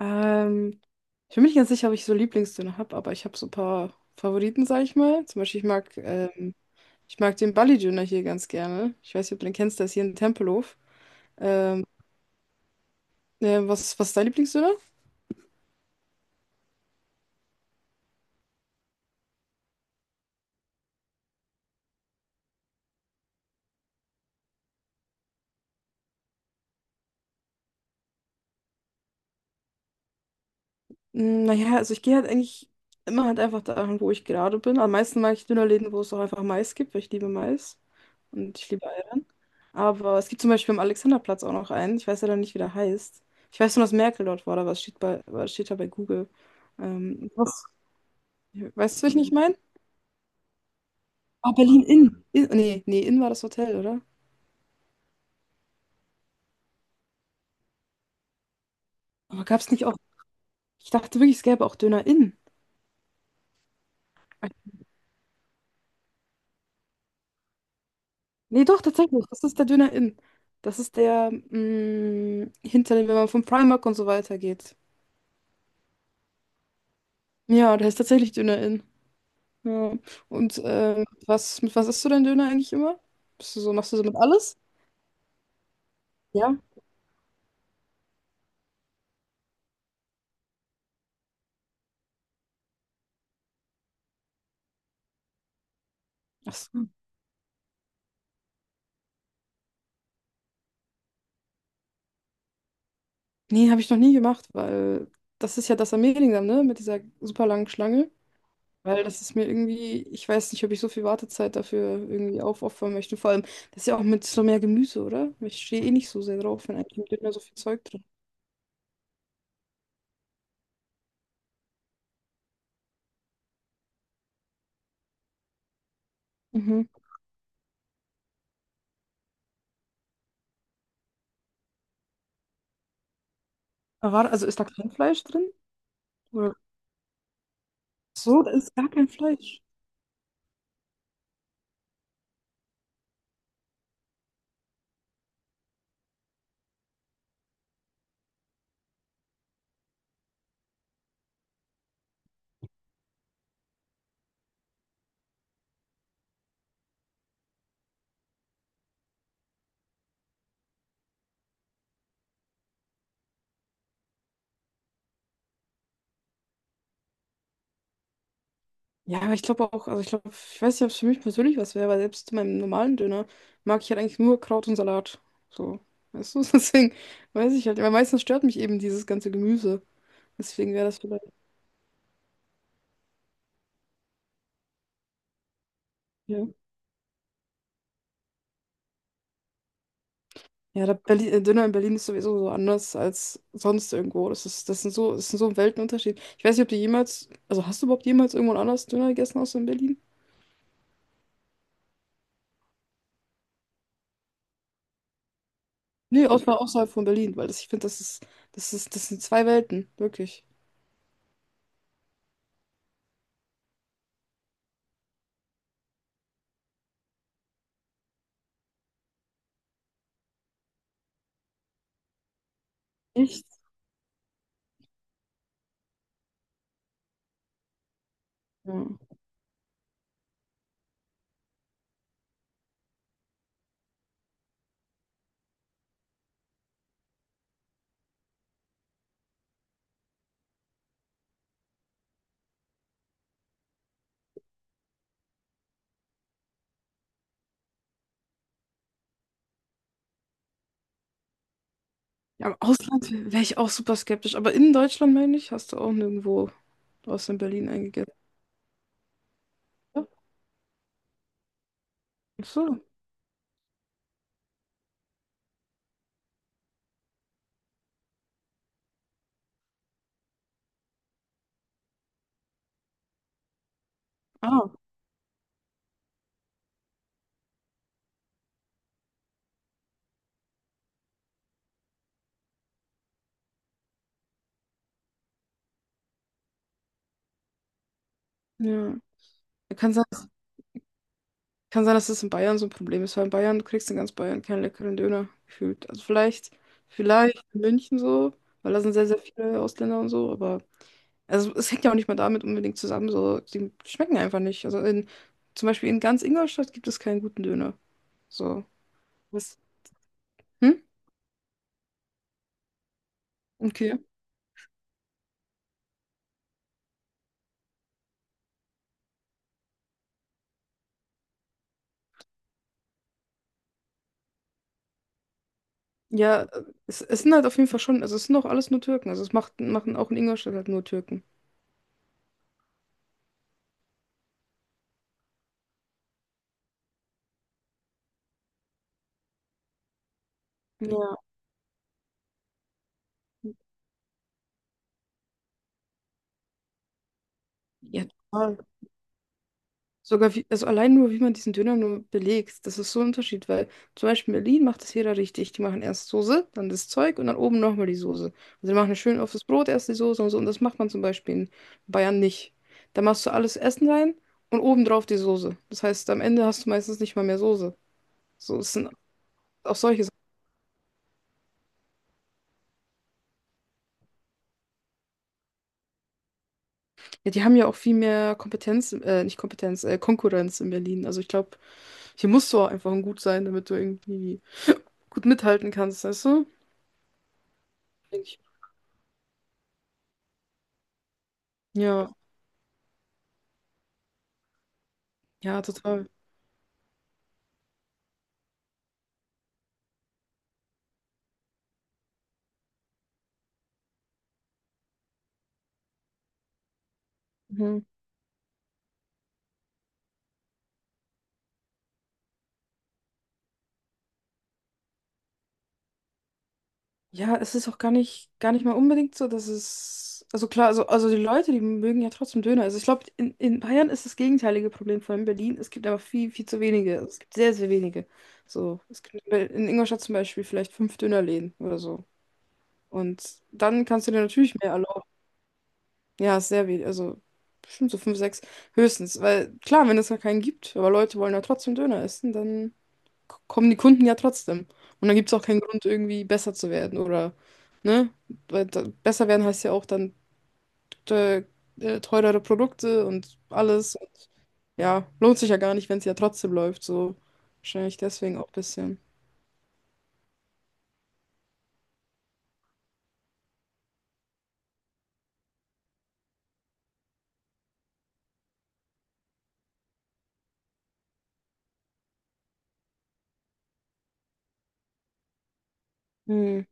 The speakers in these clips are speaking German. Ähm, Ich bin mir nicht ganz sicher, ob ich so Lieblingsdöner habe, aber ich habe so ein paar Favoriten, sag ich mal. Zum Beispiel, ich mag den bali döner hier ganz gerne. Ich weiß nicht, ob du den kennst, der ist hier in Tempelhof. Ähm, was ist dein Lieblingsdöner? Naja, also ich gehe halt eigentlich immer halt einfach dahin, wo ich gerade bin. Am meisten mag ich Dönerläden, wo es auch einfach Mais gibt, weil ich liebe Mais und ich liebe Eiern. Aber es gibt zum Beispiel am Alexanderplatz auch noch einen. Ich weiß ja dann nicht, wie der heißt. Ich weiß nur, dass Merkel dort war, aber es steht da bei Google. Was? Weißt du, was ich nicht meine? Ah, Berlin Inn. Nee, nee, Inn war das Hotel, oder? Aber gab es nicht auch. Ich dachte wirklich, es gäbe auch Döner Inn. Nee, doch, tatsächlich. Das ist der Döner Inn. Das ist der, hinter dem, wenn man vom Primark und so weiter geht. Ja, der ist tatsächlich Döner Inn. Ja. Und mit was isst du denn Döner eigentlich immer? Bist du so, machst du so mit alles? Ja. Ach so. Nee, habe ich noch nie gemacht, weil das ist ja das am Mehlingdamm, ne? Mit dieser super langen Schlange. Weil das ist mir irgendwie, ich weiß nicht, ob ich so viel Wartezeit dafür irgendwie aufopfern möchte. Vor allem, das ist ja auch mit so mehr Gemüse, oder? Ich stehe eh nicht so sehr drauf, wenn eigentlich nicht mehr so viel Zeug drin. Mhm. Aber warte, also ist da kein Fleisch drin? Oder? So, da ist gar kein Fleisch. Ja, aber ich glaube auch, also ich glaube, ich weiß nicht, ob es für mich persönlich was wäre, weil selbst zu meinem normalen Döner mag ich halt eigentlich nur Kraut und Salat. So, weißt du, deswegen weiß ich halt, weil meistens stört mich eben dieses ganze Gemüse. Deswegen wäre das vielleicht. Ja. Ja, der Döner in Berlin ist sowieso so anders als sonst irgendwo. Das ist so ein Weltenunterschied. Ich weiß nicht, ob du jemals, also hast du überhaupt jemals irgendwo anders Döner gegessen außer in Berlin? Nee, außerhalb von Berlin, weil das, ich finde, das sind zwei Welten, wirklich. Echt? Ja. Ja, im Ausland wäre ich auch super skeptisch, aber in Deutschland, meine ich, hast du auch nirgendwo außer in Berlin eingegessen. Ja? Ach so. Ah, ja. Kann sein. Kann sein, dass das in Bayern so ein Problem ist, weil in Bayern, du kriegst in ganz Bayern keinen leckeren Döner gefühlt. Also vielleicht in München so, weil da sind sehr, sehr viele Ausländer und so, aber also es hängt ja auch nicht mal damit unbedingt zusammen, so, die schmecken einfach nicht. Also zum Beispiel in ganz Ingolstadt gibt es keinen guten Döner. So. Was? Hm? Okay. Ja, es sind halt auf jeden Fall schon, also es sind auch alles nur Türken. Also es macht, machen auch in Ingolstadt halt nur Türken. Ja. Ja, total. Sogar wie, also allein nur, wie man diesen Döner nur belegt, das ist so ein Unterschied, weil zum Beispiel in Berlin macht das jeder richtig. Die machen erst Soße, dann das Zeug und dann oben nochmal die Soße. Also die machen schön auf das Brot erst die Soße und so. Und das macht man zum Beispiel in Bayern nicht. Da machst du alles Essen rein und obendrauf die Soße. Das heißt, am Ende hast du meistens nicht mal mehr Soße. So, es sind auch solche Sachen. Ja, die haben ja auch viel mehr Kompetenz, nicht Kompetenz, Konkurrenz in Berlin. Also ich glaube, hier musst du auch einfach gut sein, damit du irgendwie gut mithalten kannst, weißt du? Denk ich. Ja. Ja, total. Mhm. Ja, es ist auch gar nicht mal unbedingt so, dass es. Also klar, also die Leute, die mögen ja trotzdem Döner. Also ich glaube, in Bayern ist das gegenteilige Problem von in Berlin. Es gibt aber viel, viel zu wenige. Es gibt sehr, sehr wenige. So, es gibt in Ingolstadt zum Beispiel vielleicht fünf Dönerläden oder so. Und dann kannst du dir natürlich mehr erlauben. Ja, ist sehr wenig. Also bestimmt so fünf, sechs höchstens. Weil klar, wenn es gar keinen gibt, aber Leute wollen ja trotzdem Döner essen, dann. K- kommen die Kunden ja trotzdem. Und dann gibt es auch keinen Grund, irgendwie besser zu werden oder, ne? Weil da, besser werden heißt ja auch dann te- teurere Produkte und alles. Und ja, lohnt sich ja gar nicht, wenn es ja trotzdem läuft. So wahrscheinlich deswegen auch ein bisschen. Hm,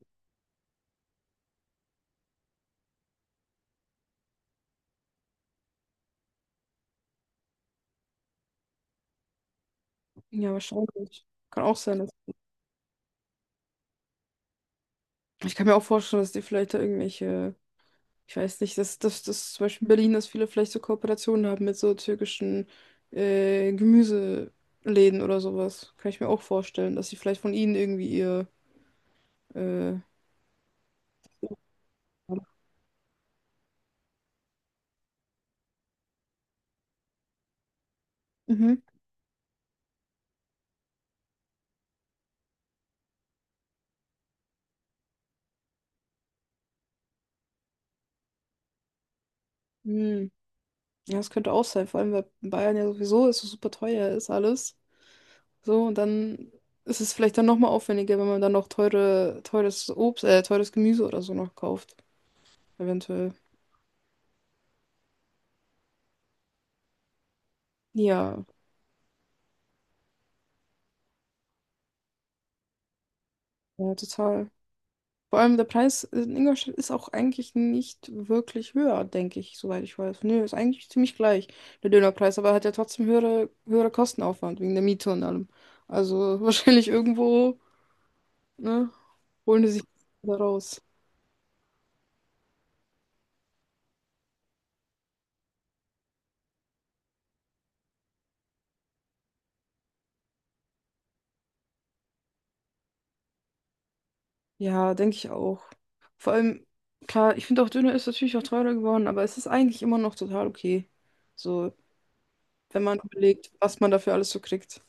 ja, wahrscheinlich. Kann auch sein. Dass- ich kann mir auch vorstellen, dass die vielleicht da irgendwelche. Ich weiß nicht, dass zum Beispiel in Berlin, dass viele vielleicht so Kooperationen haben mit so türkischen Gemüseläden oder sowas. Kann ich mir auch vorstellen, dass sie vielleicht von ihnen irgendwie ihr. Äh, mhm. Hm. Ja, das könnte auch sein, vor allem weil in Bayern ja sowieso ist so super teuer ist alles. So, und dann ist es vielleicht dann nochmal aufwendiger, wenn man dann noch teure, teures Obst, teures Gemüse oder so noch kauft. Eventuell. Ja, ja, total. Vor allem der Preis in Ingolstadt ist auch eigentlich nicht wirklich höher, denke ich, soweit ich weiß. Nö, ist eigentlich ziemlich gleich, der Dönerpreis, aber er hat ja trotzdem höhere Kostenaufwand wegen der Miete und allem. Also wahrscheinlich irgendwo, ne, holen die sich da raus. Ja, denke ich auch. Vor allem, klar, ich finde auch Döner ist natürlich auch teurer geworden, aber es ist eigentlich immer noch total okay. So, wenn man überlegt, was man dafür alles so kriegt.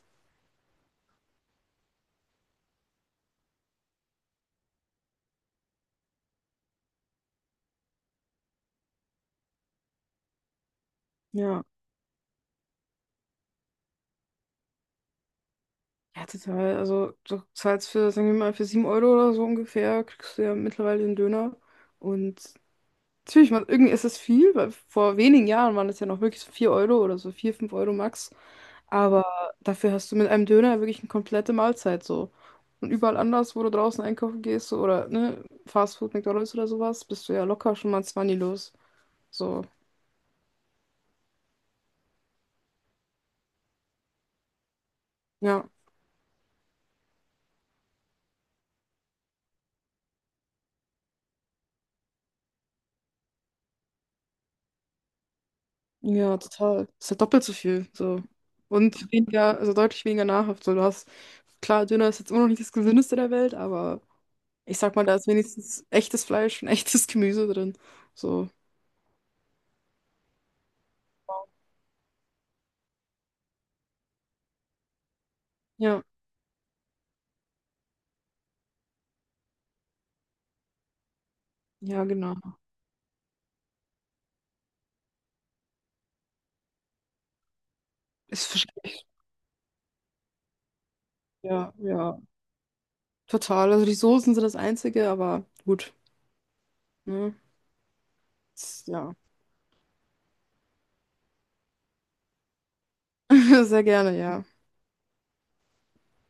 Ja. Ja, total. Also du zahlst für, sagen wir mal, für 7 Euro oder so ungefähr, kriegst du ja mittlerweile den Döner. Und natürlich, man, irgendwie ist es viel, weil vor wenigen Jahren waren es ja noch wirklich so 4 Euro oder so 4 5 Euro max. Aber dafür hast du mit einem Döner wirklich eine komplette Mahlzeit so. Und überall anders, wo du draußen einkaufen gehst so, oder ne, Fast Food, McDonald's oder sowas, bist du ja locker schon mal 20 los. So, ja. Ja, total. Ist halt doppelt so viel. So. Und weniger, also deutlich weniger nahrhaft. So, du hast, klar, Döner ist jetzt immer noch nicht das Gesündeste der Welt, aber ich sag mal, da ist wenigstens echtes Fleisch und echtes Gemüse drin. So. Ja, ja, genau. Ist verschlechtert. Ja, ja. Total. Also die Soßen sind das Einzige, aber gut. Ne? Ist- Ja. Sehr gerne, ja.